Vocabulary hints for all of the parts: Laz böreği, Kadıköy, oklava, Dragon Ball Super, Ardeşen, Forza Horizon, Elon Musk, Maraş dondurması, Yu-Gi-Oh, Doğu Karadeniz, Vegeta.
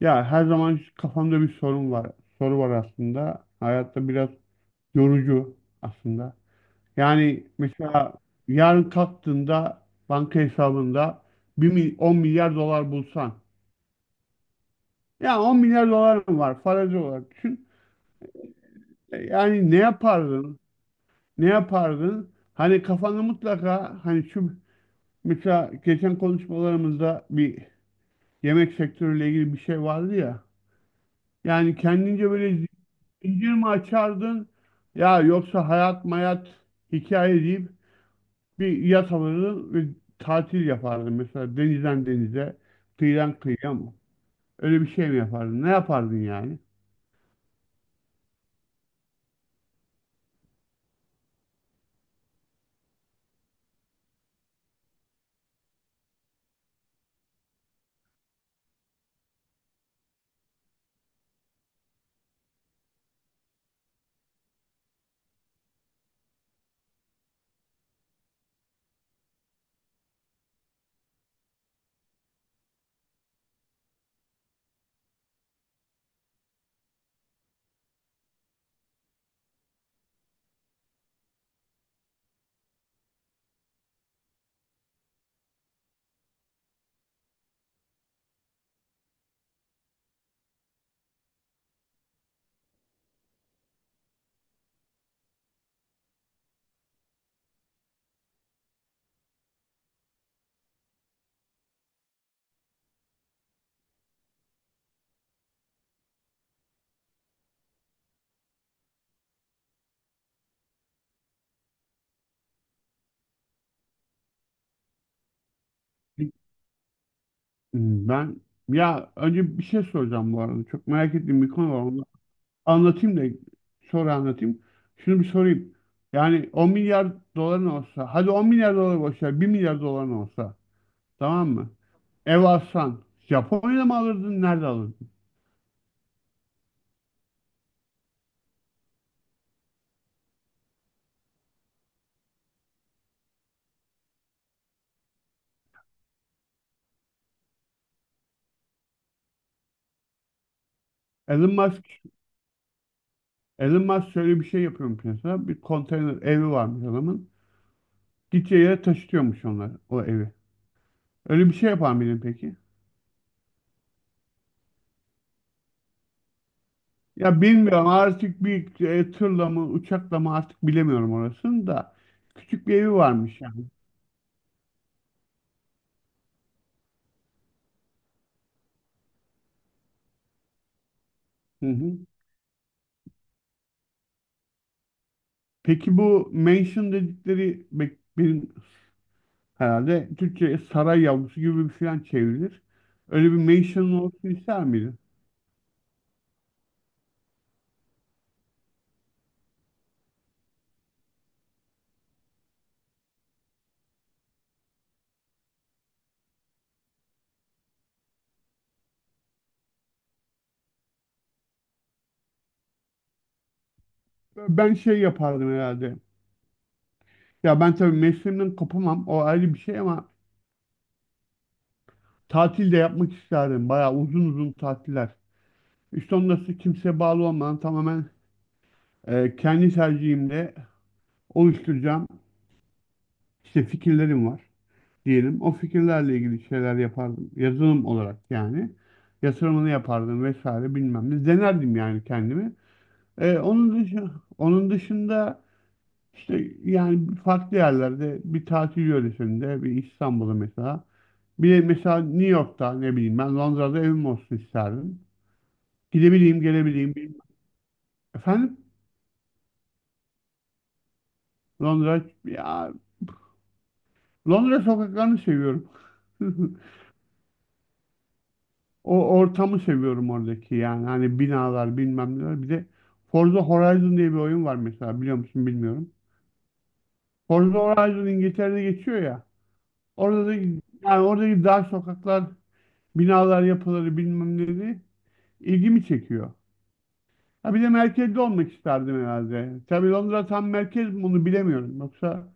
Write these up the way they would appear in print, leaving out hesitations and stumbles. Ya her zaman kafamda bir sorun var. Soru var aslında. Hayatta biraz yorucu aslında. Yani mesela yarın kalktığında banka hesabında 10 milyar dolar bulsan. Ya 10 milyar dolarım var, farazi olarak düşün. Yani ne yapardın? Ne yapardın? Hani kafanda mutlaka, hani şu, mesela geçen konuşmalarımızda bir yemek sektörüyle ilgili bir şey vardı ya. Yani kendince böyle zincir mi açardın, ya yoksa hayat mayat hikaye deyip bir yat alırdın ve tatil yapardın. Mesela denizden denize, kıyıdan kıyıya mı? Öyle bir şey mi yapardın? Ne yapardın yani? Ben, ya önce bir şey soracağım bu arada. Çok merak ettiğim bir konu var. Onu anlatayım da sonra anlatayım. Şunu bir sorayım. Yani 10 milyar doların olsa, hadi 10 milyar dolar boş ver, 1 milyar doların olsa. Tamam mı? Ev alsan, Japonya'da mı alırdın? Nerede alırdın? Elon Musk, Elon Musk şöyle bir şey yapıyormuş mesela. Bir konteyner evi varmış adamın. Gideceği yere taşıtıyormuş onlar o evi. Öyle bir şey yapar mıydın peki? Ya bilmiyorum artık, bir tırla mı uçakla mı artık bilemiyorum orasını da. Küçük bir evi varmış yani. Hı hı. Peki bu mansion dedikleri benim herhalde Türkçe saray yavrusu gibi bir falan çevrilir. Öyle bir mansion olsun ister miydin? Ben şey yapardım herhalde. Ya ben tabii mesleğimden kopamam. O ayrı bir şey ama tatil de yapmak isterdim. Bayağı uzun uzun tatiller. İşte ondan kimseye bağlı olmadan tamamen kendi tercihimle oluşturacağım işte fikirlerim var diyelim. O fikirlerle ilgili şeyler yapardım. Yazılım olarak yani. Yatırımını yapardım vesaire bilmem ne. Denerdim yani kendimi. E, onun dışı, onun dışında işte yani farklı yerlerde, bir tatil yöresinde, bir İstanbul'da mesela. Bir de mesela New York'ta, ne bileyim ben, Londra'da evim olsun isterdim. Gidebileyim, gelebileyim, bilmem. Efendim? Londra, ya Londra sokaklarını seviyorum. O ortamı seviyorum oradaki yani. Hani binalar bilmem neler. Bir de Forza Horizon diye bir oyun var mesela, biliyor musun bilmiyorum. Forza Horizon İngiltere'de geçiyor ya. Orada da yani oradaki dar sokaklar, binalar, yapıları, bilmem neleri ilgimi çekiyor. Ha bir de merkezde olmak isterdim herhalde. Tabii Londra tam merkez mi onu bilemiyorum. Yoksa,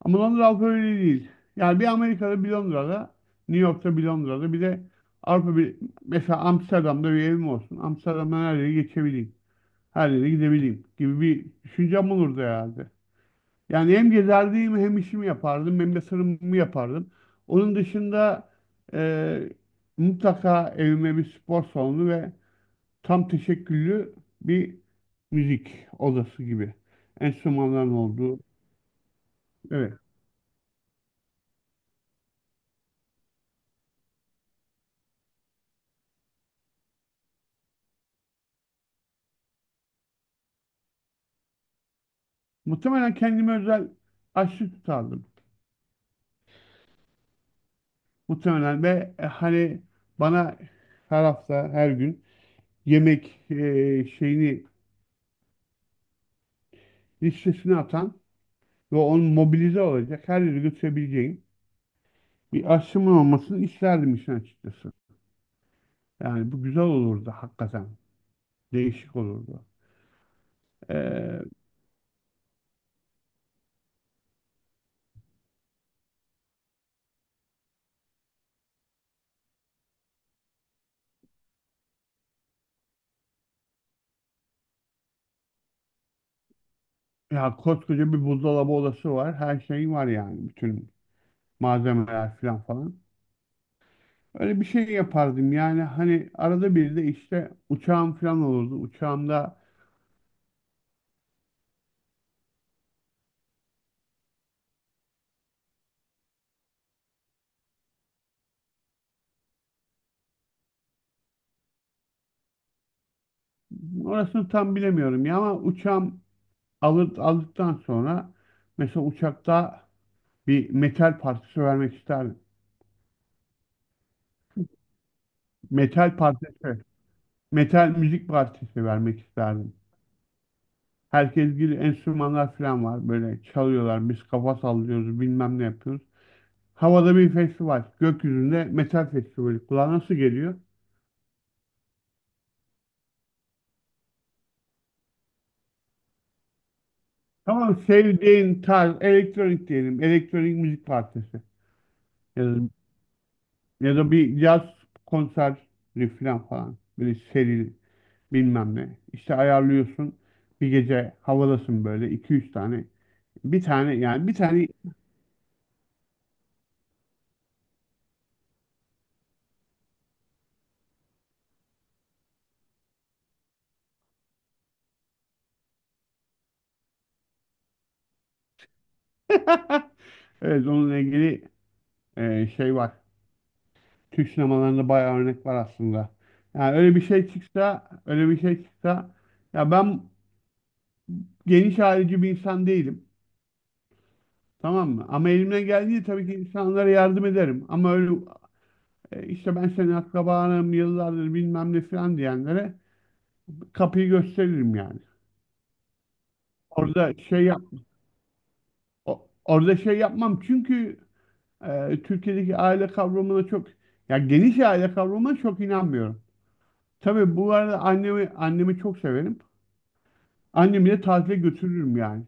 ama Londra Avrupa Birliği değil. Yani bir Amerika'da, bir Londra'da, New York'ta, bir Londra'da, bir de Avrupa, bir mesela Amsterdam'da bir evim olsun. Amsterdam'dan her yere geçebileyim. Her yere gidebileyim gibi bir düşüncem olurdu herhalde. Yani hem gezerdim, hem işimi yapardım, hem yatırımımı yapardım. Onun dışında eee, mutlaka evime bir spor salonu ve tam teşekküllü bir müzik odası gibi. Enstrümanların olduğu. Evet. Muhtemelen kendime özel aşçı tutardım. Muhtemelen ve hani bana her hafta, her gün yemek e, şeyini listesini atan ve onu mobilize olacak her yere götürebileceğim bir aşçımın olmasını isterdim işin açıkçası. Yani bu güzel olurdu hakikaten. Değişik olurdu. Ee, ya koskoca bir buzdolabı odası var. Her şey var yani. Bütün malzemeler falan falan. Öyle bir şey yapardım yani, hani arada bir de işte uçağım falan olurdu. Uçağımda orasını tam bilemiyorum ya, ama uçağım aldıktan sonra mesela uçakta bir metal partisi vermek isterdim. Metal partisi, metal müzik partisi vermek isterdim. Herkes gibi enstrümanlar falan var, böyle çalıyorlar, biz kafa sallıyoruz, bilmem ne yapıyoruz. Havada bir festival, gökyüzünde metal festivali kulağa nasıl geliyor? Tamam, sevdiğin tarz elektronik diyelim. Elektronik müzik partisi. Ya da, ya da bir caz konseri falan falan. Böyle seri bilmem ne. İşte ayarlıyorsun. Bir gece havadasın böyle iki üç tane. Bir tane. Evet, onunla ilgili şey var. Türk sinemalarında bayağı örnek var aslında. Yani öyle bir şey çıksa, öyle bir şey çıksa, ya ben geniş ayrıcı bir insan değilim. Tamam mı? Ama elimden geldiği tabii ki insanlara yardım ederim. Ama öyle, işte ben senin akrabanım yıllardır bilmem ne falan diyenlere kapıyı gösteririm yani. Orada şey yap orada şey yapmam çünkü Türkiye'deki aile kavramına çok, ya geniş aile kavramına çok inanmıyorum. Tabii bu arada annemi çok severim. Annemi de tatile götürürüm yani.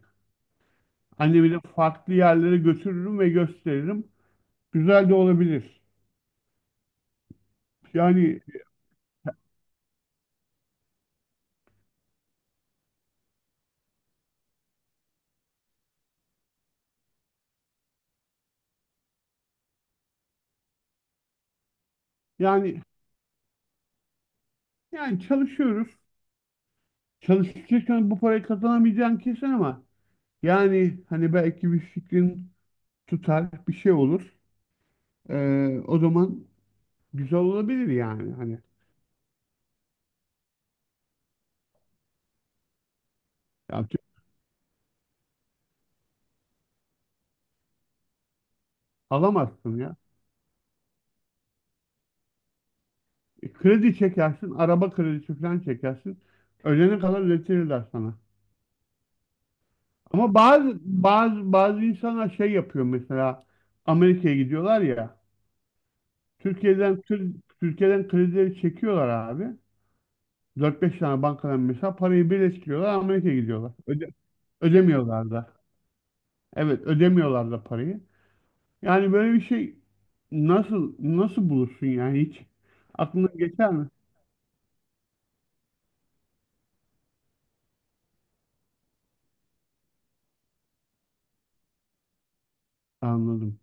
Annemi de farklı yerlere götürürüm ve gösteririm. Güzel de olabilir. Yani yani yani çalışıyoruz. Çalışırken bu parayı kazanamayacağın kesin ama yani hani belki bir fikrin tutar, bir şey olur. O zaman güzel olabilir yani hani. ya, tü- alamazsın ya. Kredi çekersin, araba kredisi falan çekersin. Ölene kadar ödetirler sana. Ama bazı insanlar şey yapıyor, mesela Amerika'ya gidiyorlar ya. Türkiye'den kri- Türkiye'den kredileri çekiyorlar abi. Dört beş tane bankadan mesela parayı birleştiriyorlar, Amerika'ya gidiyorlar. Ödemiyorlar da. Evet, ödemiyorlar da parayı. Yani böyle bir şey nasıl bulursun yani, hiç aklına geçer mi? Anladım.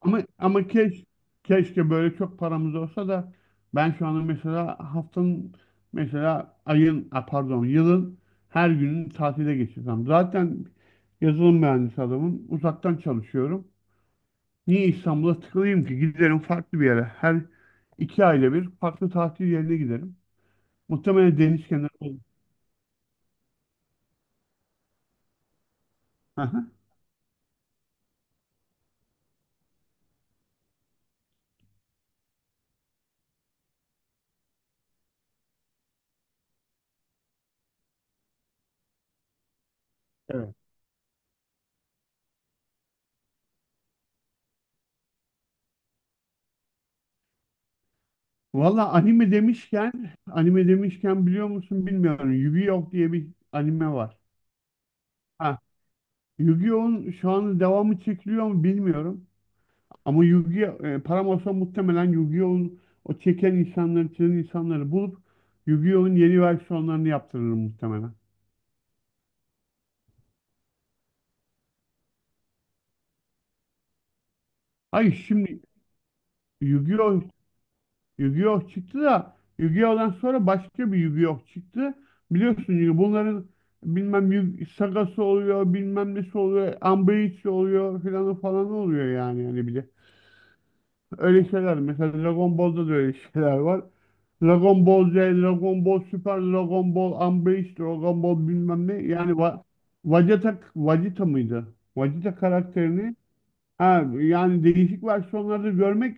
Ama keşke böyle çok paramız olsa da ben şu anda mesela haftanın mesela ayın a, pardon yılın her gününü tatile geçirsem. Zaten yazılım mühendisi adamım. Uzaktan çalışıyorum. Niye İstanbul'a tıkılayım ki? Giderim farklı bir yere. Her iki ayda bir farklı tatil yerine giderim. Muhtemelen deniz kenarı olur. Aha. Evet. Valla anime demişken, anime demişken biliyor musun bilmiyorum. Yu-Gi-Oh diye bir anime var. Ha, Yu-Gi-Oh'un şu an devamı çekiliyor mu bilmiyorum. Ama Yu-Gi-Oh, param olsa muhtemelen Yu-Gi-Oh'un o çeken insanları, çizen insanları bulup Yu-Gi-Oh'un yeni versiyonlarını yaptırırım muhtemelen. Hayır, şimdi Yu-Gi-Oh, Yu-Gi-Oh çıktı da Yu-Gi-Oh'dan sonra başka bir Yu-Gi-Oh çıktı. Biliyorsun, Yu- bunların bilmem Yu- sagası oluyor, bilmem nesi oluyor, Ambreach oluyor filan falan oluyor yani, bir de. Öyle şeyler mesela Dragon Ball'da da öyle şeyler var. Dragon Ball Z, Dragon Ball Super, Dragon Ball Ambreach, Dragon Ball bilmem ne. Yani Va Vegeta, Vegeta mıydı? Vegeta karakterini. Ha, yani değişik versiyonları görmek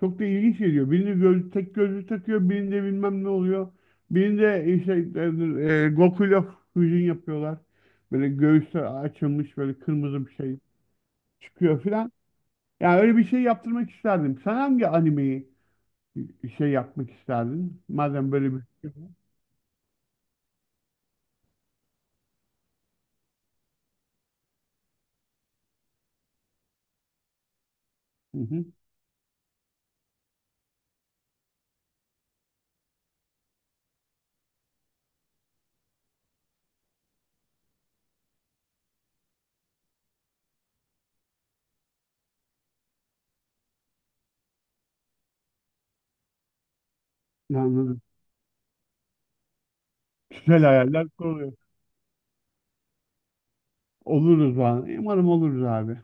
çok da ilginç geliyor. Birinde göz, tek gözlük takıyor, birinde bilmem ne oluyor. Birinde işte Goku'yla füzyon yapıyorlar. Böyle göğüsler açılmış, böyle kırmızı bir şey çıkıyor filan. Yani öyle bir şey yaptırmak isterdim. Sen hangi animeyi şey yapmak isterdin? Madem böyle bir şey var. Hı hı, anladım. Güzel hayaller kuruyor. Oluruz abi. Umarım oluruz abi.